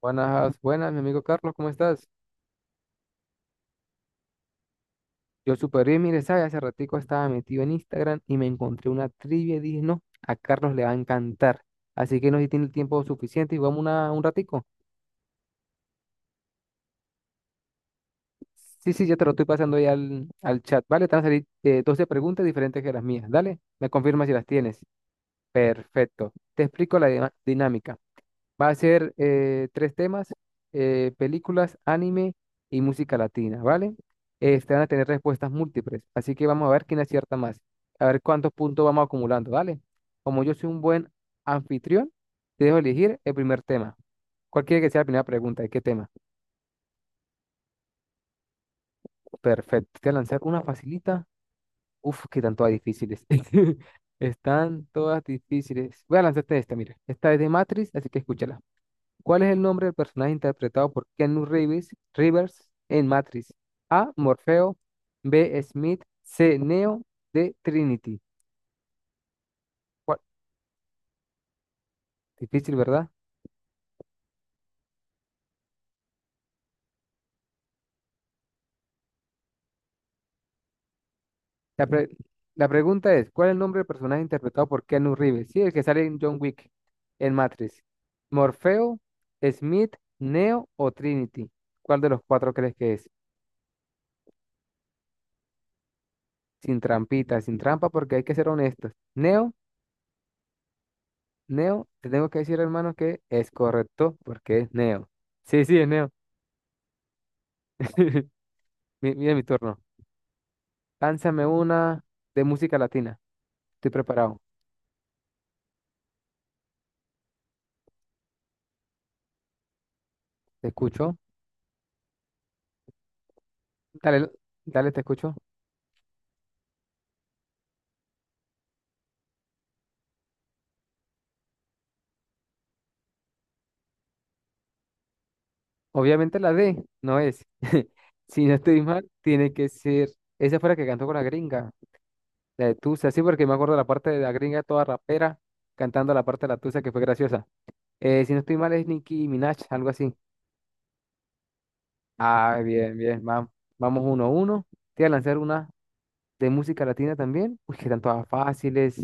Buenas, buenas, mi amigo Carlos, ¿cómo estás? Yo súper bien, mire, ¿sabes? Hace ratico estaba metido en Instagram y me encontré una trivia y dije, no, a Carlos le va a encantar. Así que no sé si tiene el tiempo suficiente y vamos un ratico. Sí, sí, ya te lo estoy pasando ahí al chat, ¿vale? Te van a salir 12 preguntas diferentes que las mías. Dale, me confirma si las tienes. Perfecto. Te explico la dinámica. Va a ser tres temas, películas, anime y música latina, ¿vale? Este, van a tener respuestas múltiples, así que vamos a ver quién acierta más, a ver cuántos puntos vamos acumulando, ¿vale? Como yo soy un buen anfitrión, te dejo elegir el primer tema. Cualquiera que sea la primera pregunta, ¿de qué tema? Perfecto, te voy a lanzar una facilita. Uf, que están todas difíciles. Están todas difíciles. Voy a lanzarte esta, mira. Esta es de Matrix, así que escúchala. ¿Cuál es el nombre del personaje interpretado por Keanu Reeves, Rivers en Matrix? A. Morfeo. B. Smith. C. Neo. D. Trinity. ¿Cuál? Difícil, ¿verdad? La, pre- la pregunta es, ¿cuál es el nombre del personaje interpretado por Keanu Reeves? Sí, el que sale en John Wick en Matrix. ¿Morfeo, Smith, Neo o Trinity? ¿Cuál de los cuatro crees que es? Sin trampita, sin trampa, porque hay que ser honestos. ¿Neo? Neo, te tengo que decir, hermano, que es correcto porque es Neo. Sí, sí, es Neo. Mira mi turno. Lánzame una de música latina. Estoy preparado. Te escucho. Dale, dale, te escucho. Obviamente la D no es. Si no estoy mal, tiene que ser. Esa fue la que cantó con la gringa. La de Tusa, sí, porque me acuerdo la parte de la gringa toda rapera cantando la parte de la Tusa que fue graciosa. Si no estoy mal, es Nicki Minaj, algo así. Ah, bien, bien. Vamos, vamos uno a uno. Te voy a lanzar una de música latina también, uy, que están todas fáciles,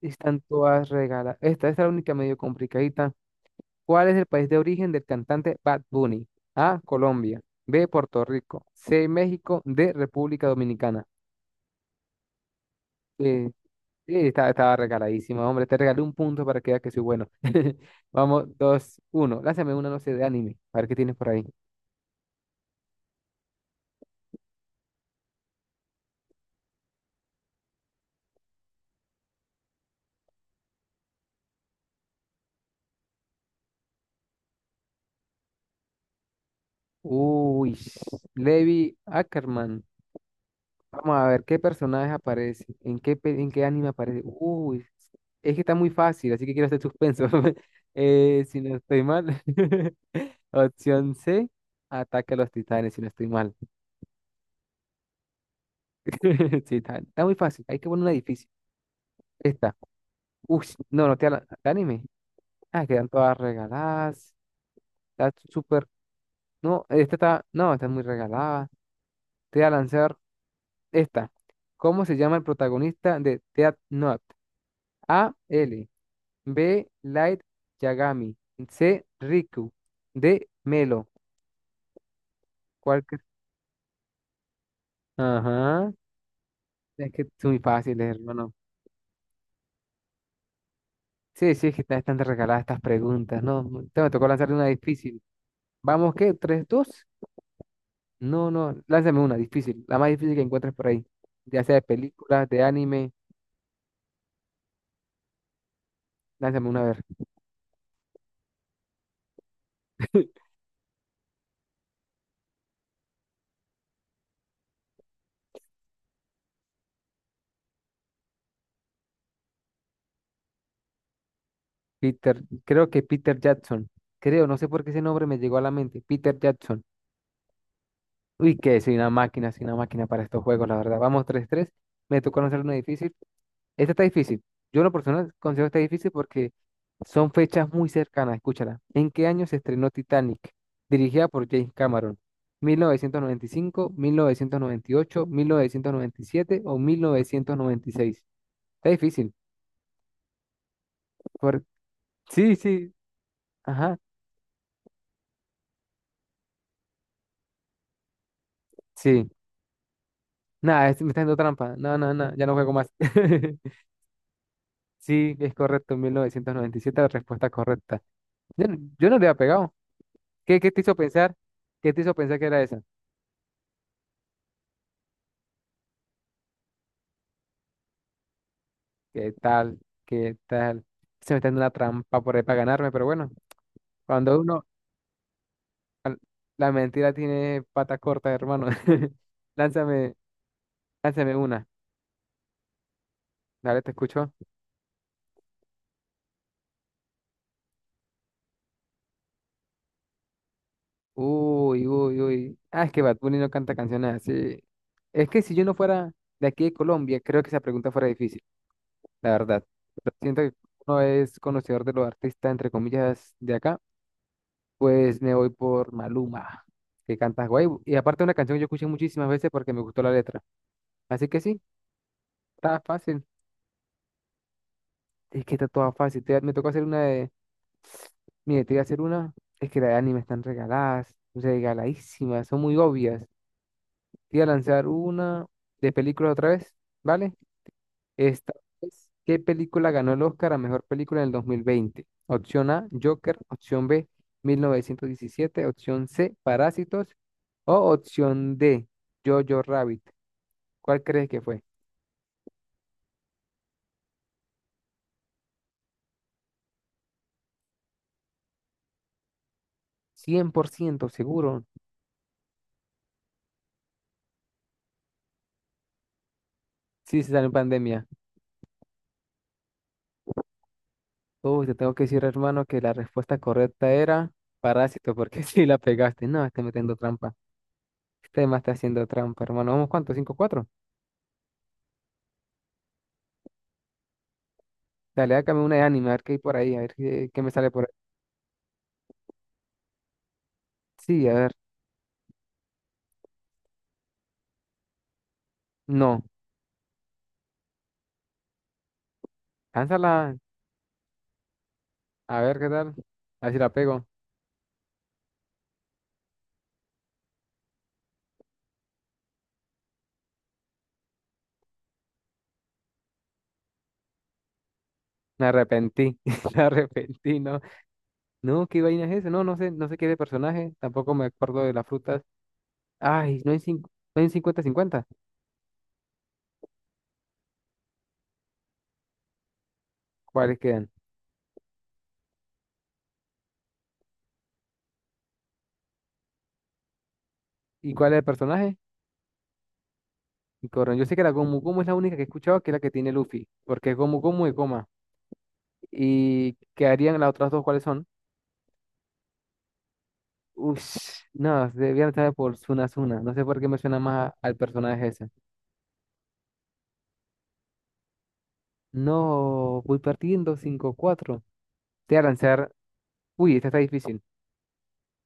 están todas regaladas. Esta es la única medio complicadita. ¿Cuál es el país de origen del cantante Bad Bunny? A, Colombia, B, Puerto Rico, C, México, D, República Dominicana. Eh, Estaba regaladísima, hombre, te regalé un punto para que veas que soy bueno. Vamos, dos, uno. Lánzame una, no sé, de anime, a ver qué tienes por ahí. Uy, Levi Ackerman. Vamos a ver qué personaje aparece, en qué anime aparece. Uy, es que está muy fácil, así que quiero hacer suspenso. Si no estoy mal, opción C, ataque a los titanes, si no estoy mal. Sí, está muy fácil, hay que poner una difícil. Esta, uy, no, no, de anime. Ah, quedan todas regaladas, está súper. No, esta está, no, está muy regalada. Te voy a lanzar esta. ¿Cómo se llama el protagonista de Death Note? A, L. B. Light Yagami. C. Riku. D. Melo. ¿Cuál cre- Ajá. Es que son muy fáciles, hermano. Sí, sí, es que están regaladas estas preguntas. No, no, te me tocó lanzarle una difícil. ¿Vamos qué? ¿Tres, dos? No, no. Lánzame una difícil. La más difícil que encuentres por ahí. Ya sea de películas, de anime. Lánzame una a ver. Peter, creo que Peter Jackson. Creo, no sé por qué ese nombre me llegó a la mente. Peter Jackson. Uy, que soy una máquina para estos juegos, la verdad. Vamos 3-3. Me tocó lanzar una difícil. Esta está difícil. Yo en lo personal considero esta difícil porque son fechas muy cercanas. Escúchala. ¿En qué año se estrenó Titanic? Dirigida por James Cameron. Mil novecientos noventa y cinco ocho 1997 o 1996. Está difícil. Por... Sí, sí. Ajá. Sí. Nada, me está haciendo trampa. No, no, no. Ya no juego más. Sí, es correcto. 1997, la respuesta correcta. Yo, no, yo no le había pegado. ¿Qué te hizo pensar? ¿Qué te hizo pensar que era esa? ¿Qué tal? ¿Qué tal? Se me está dando una trampa por ahí para ganarme, pero bueno, cuando uno, al- la mentira tiene pata corta, hermano. Lánzame, lánzame una. Dale, te escucho. Uy, uy, uy. Ah, es que Bad Bunny no canta canciones así. Es que si yo no fuera de aquí de Colombia, creo que esa pregunta fuera difícil, la verdad. Pero siento que uno es conocedor de los artistas, entre comillas, de acá. Pues me voy por Maluma, que canta guay. Y aparte una canción que yo escuché muchísimas veces porque me gustó la letra. Así que sí, está fácil. Es que está toda fácil. Me tocó hacer una de... Mire, te voy a hacer una. Es que las de anime están regaladas, regaladísimas, son muy obvias. Te voy a lanzar una de película otra vez, ¿vale? Esta vez, ¿qué película ganó el Oscar a mejor película en el 2020? Opción A, Joker. Opción B, 1917. Opción C, Parásitos. O opción D, Jojo Rabbit. ¿Cuál crees que fue? 100% seguro. Sí, se salió en pandemia. Uy, te tengo que decir, hermano, que la respuesta correcta era Parásito, porque sí la pegaste. No, está metiendo trampa. Este más está haciendo trampa, hermano. ¿Vamos cuánto? 5-4. Dale, hágame una de anime, a ver qué hay por ahí, a ver qué me sale por ahí. Sí, a ver. No. Lánzala, a ver qué tal. A ver si la pego. Me arrepentí, me arrepentí, no. No, qué vaina es eso. No, no sé, no sé qué de personaje. Tampoco me acuerdo de las frutas. Ay, no hay 50-50. ¿Cuáles quedan? ¿Y cuál es el personaje? Y Corran. Yo sé que la Gomu Gomu es la única que he escuchado que es la que tiene Luffy. Porque es Gomu Gomu y Goma. ¿Y qué harían las otras dos? ¿Cuáles son? Ush, no, debían estar por Suna Suna. No sé por qué me suena más al personaje ese. No, voy partiendo 5-4. Te voy a lanzar. Uy, esta está difícil.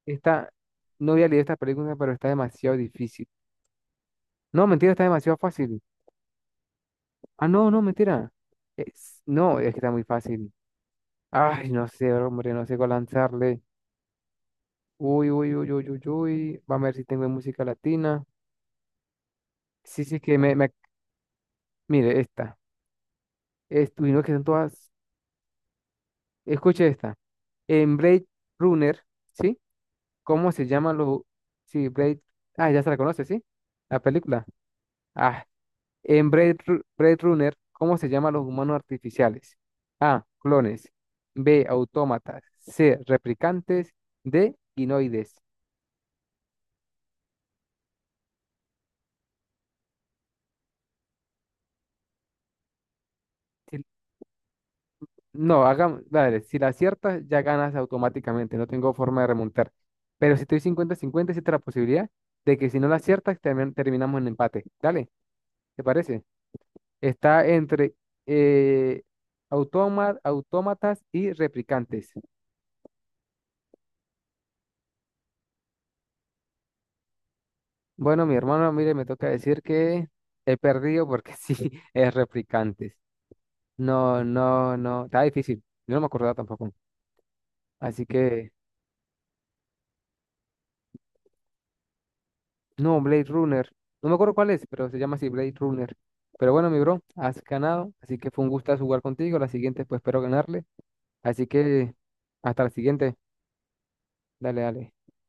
Esta, no había leído esta pregunta, pero está demasiado difícil. No, mentira, está demasiado fácil. Ah, no, no, mentira. No, es que está muy fácil. Ay, no sé, hombre, no sé cuál lanzarle. Uy, uy, uy, uy, uy, uy. Vamos a ver si tengo música latina. Sí, sí, Mire, esta. Uy, no, que son todas... Escuche esta. En Blade Runner, ¿sí? ¿Cómo se llaman los... Sí, Blade... Ah, ya se la conoce, ¿sí? La película. Ah, en Blade Runner, ¿cómo se llaman los humanos artificiales? A. Clones. B. Autómatas. C. Replicantes. D. Ginoides. Si- no, hagamos, dale, si la aciertas, ya ganas automáticamente. No tengo forma de remontar. Pero si estoy cincuenta-cincuenta, existe la posibilidad de que si no la aciertas, terminamos en empate. Dale, ¿te parece? Está entre eh, autómatas y replicantes. Bueno, mi hermano, mire, me toca decir que he perdido porque sí, es replicantes. No, no, no, está difícil. Yo no me acordaba tampoco. Así que, no, Blade Runner. No me acuerdo cuál es, pero se llama así Blade Runner. Pero bueno, mi bro, has ganado. Así que fue un gusto jugar contigo. La siguiente, pues espero ganarle. Así que, hasta la siguiente. Dale, dale.